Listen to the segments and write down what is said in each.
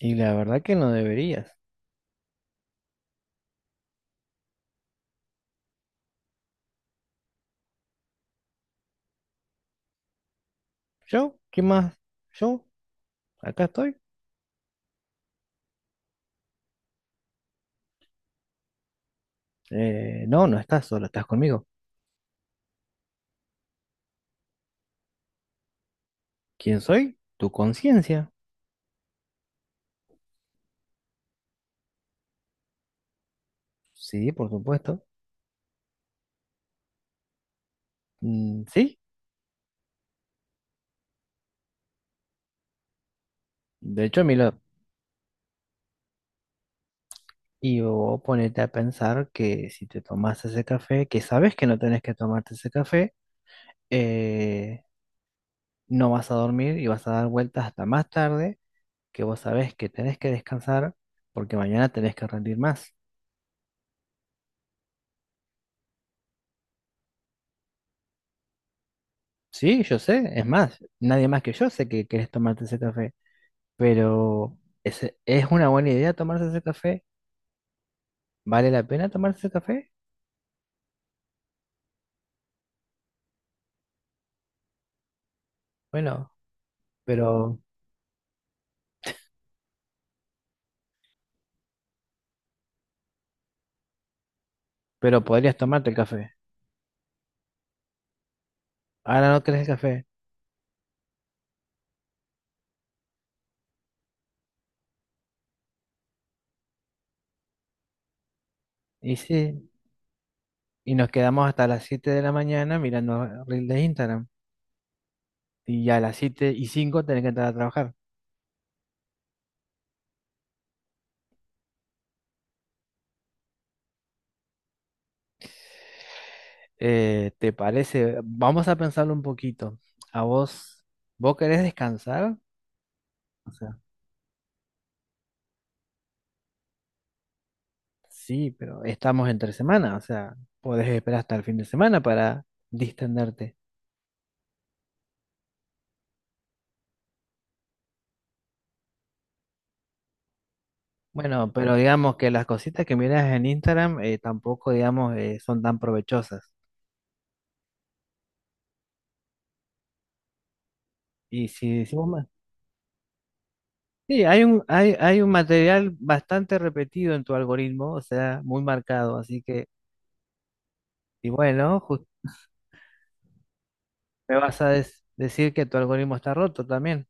Y la verdad que no deberías. ¿Yo? ¿Qué más? ¿Yo? ¿Acá estoy? No, no estás solo, estás conmigo. ¿Quién soy? Tu conciencia. Sí, por supuesto. Mm, sí, de hecho, Milo, y vos ponete a pensar que si te tomas ese café, que sabes que no tenés que tomarte ese café, eh, no vas a dormir y vas a dar vueltas hasta más tarde, que vos sabés que tenés que descansar porque mañana tenés que rendir más. Sí, yo sé, es más, nadie más que yo sé que querés tomarte ese café. Pero ¿es una buena idea tomarse ese café? ¿Vale la pena tomarse ese café? Bueno, pero, pero podrías tomarte el café. Ahora no querés el café. Y sí, y nos quedamos hasta las 7 de la mañana mirando reels de Instagram. Y ya a las 7:05 tenés que entrar a trabajar. ¿Te parece? Vamos a pensarlo un poquito. ¿A vos, vos querés descansar? O sea, sí, pero estamos entre semana. O sea, podés esperar hasta el fin de semana para distenderte. Bueno, pero digamos que las cositas que miras en Instagram tampoco, digamos, son tan provechosas. Y si, si vos ma- sí, hay un material bastante repetido en tu algoritmo, o sea, muy marcado. Así que, y bueno, me vas a decir que tu algoritmo está roto también.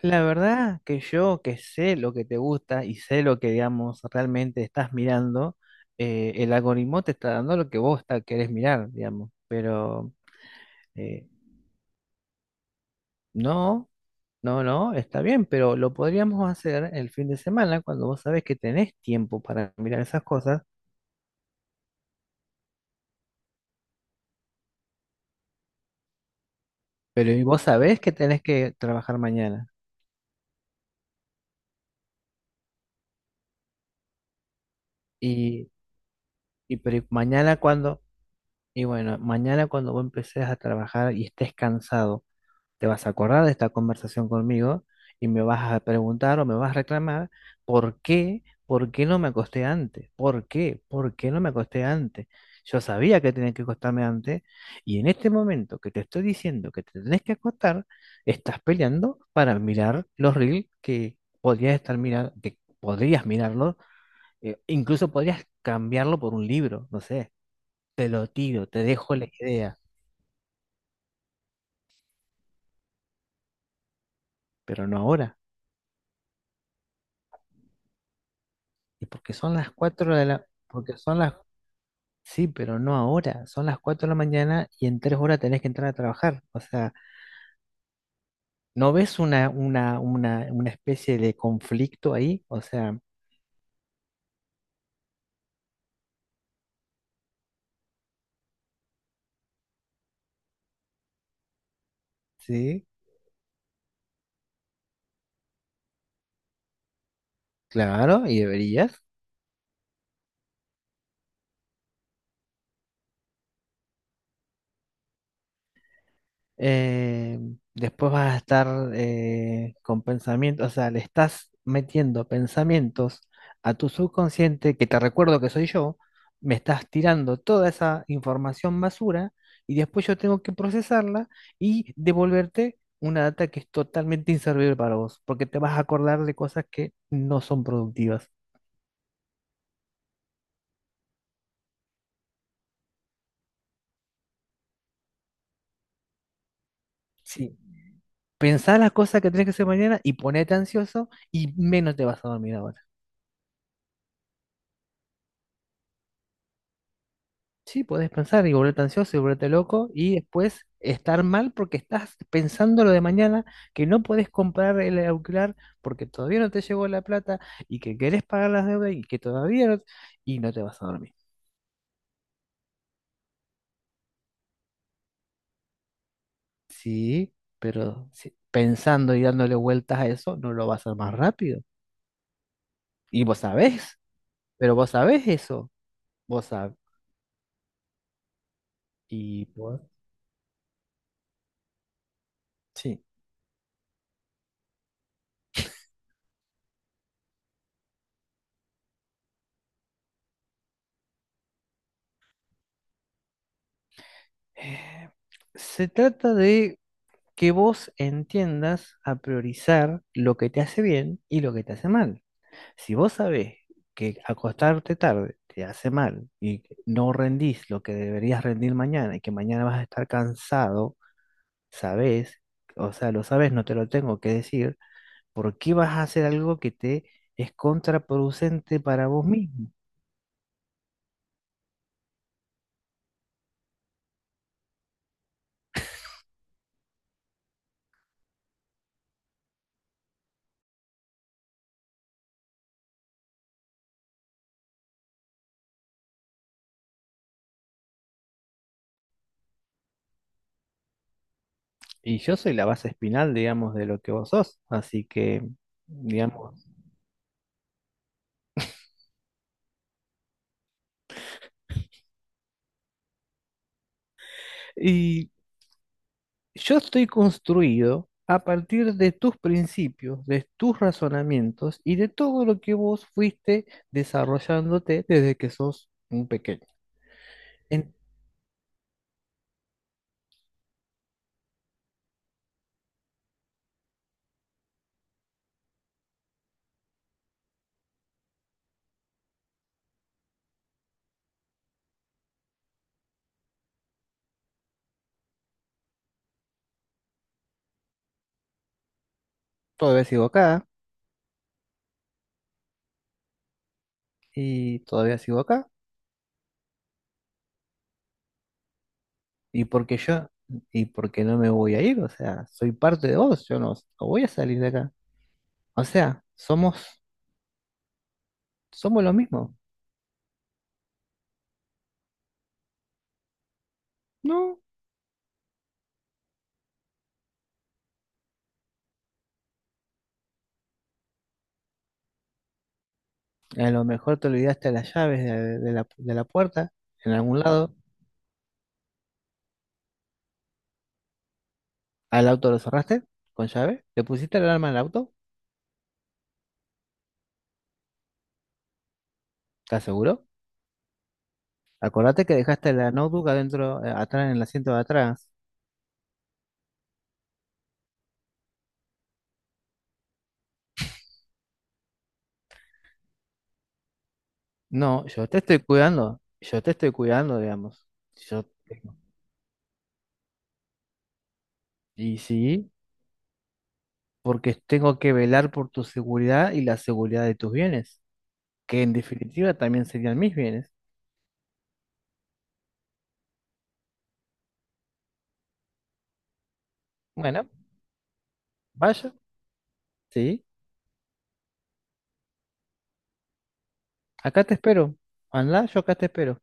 La verdad que yo que sé lo que te gusta y sé lo que, digamos, realmente estás mirando, el algoritmo te está dando lo que vos querés mirar, digamos. Pero eh, no. No, no, está bien, pero lo podríamos hacer el fin de semana cuando vos sabés que tenés tiempo para mirar esas cosas, pero y vos sabés que tenés que trabajar mañana. Y, y y bueno, mañana cuando vos empecés a trabajar y estés cansado. Te vas a acordar de esta conversación conmigo y me vas a preguntar o me vas a reclamar por qué, por qué, no me acosté antes, por qué no me acosté antes. Yo sabía que tenía que acostarme antes y en este momento que te estoy diciendo que te tenés que acostar, estás peleando para mirar los reels que podrías estar mirando, que podrías mirarlos, incluso podrías cambiarlo por un libro, no sé. Te lo tiro, te dejo la idea, pero no ahora. Y porque son las 4 de la, porque son las... Sí, pero no ahora. Son las 4 de la mañana y en 3 horas tenés que entrar a trabajar. O sea, ¿no ves una especie de conflicto ahí? O sea, sí, claro, y deberías. eh, después vas a estar con pensamientos, o sea, le estás metiendo pensamientos a tu subconsciente, que te recuerdo que soy yo, me estás tirando toda esa información basura y después yo tengo que procesarla y devolverte una data que es totalmente inservible para vos, porque te vas a acordar de cosas que no son productivas. Sí. Pensá las cosas que tenés que hacer mañana y ponete ansioso y menos te vas a dormir ahora. Sí, podés pensar y volverte ansioso y volverte loco y después estar mal porque estás pensando lo de mañana, que no podés comprar el auricular porque todavía no te llegó la plata y que querés pagar las deudas y que todavía no, y no te vas a dormir. Sí, pensando y dándole vueltas a eso, no lo vas a hacer más rápido. Y vos sabés, pero vos sabés eso, vos sabés. Y vos- sí. Eh, se trata de que vos entiendas a priorizar lo que te hace bien y lo que te hace mal. Si vos sabés que acostarte tarde te hace mal y que no rendís lo que deberías rendir mañana y que mañana vas a estar cansado, sabés, o sea, lo sabés, no te lo tengo que decir, ¿por qué vas a hacer algo que te es contraproducente para vos mismo? Y yo soy la base espinal, digamos, de lo que vos sos, así que, digamos. Y yo estoy construido a partir de tus principios, de tus razonamientos y de todo lo que vos fuiste desarrollándote desde que sos un pequeño. En- todavía sigo acá y todavía sigo acá y porque yo y porque no me voy a ir, o sea, soy parte de vos, yo no, no voy a salir de acá. O sea, somos lo mismo. No, a lo mejor te olvidaste las llaves de la puerta en algún lado. ¿Al auto lo cerraste con llave? ¿Le pusiste el alarma al auto? ¿Estás seguro? Acordate que dejaste la notebook adentro, atrás, en el asiento de atrás. No, yo te estoy cuidando. Yo te estoy cuidando, digamos. Yo tengo- Y sí, porque tengo que velar por tu seguridad y la seguridad de tus bienes, que en definitiva también serían mis bienes. Bueno, vaya, sí. Acá te espero. Andá, yo acá te espero.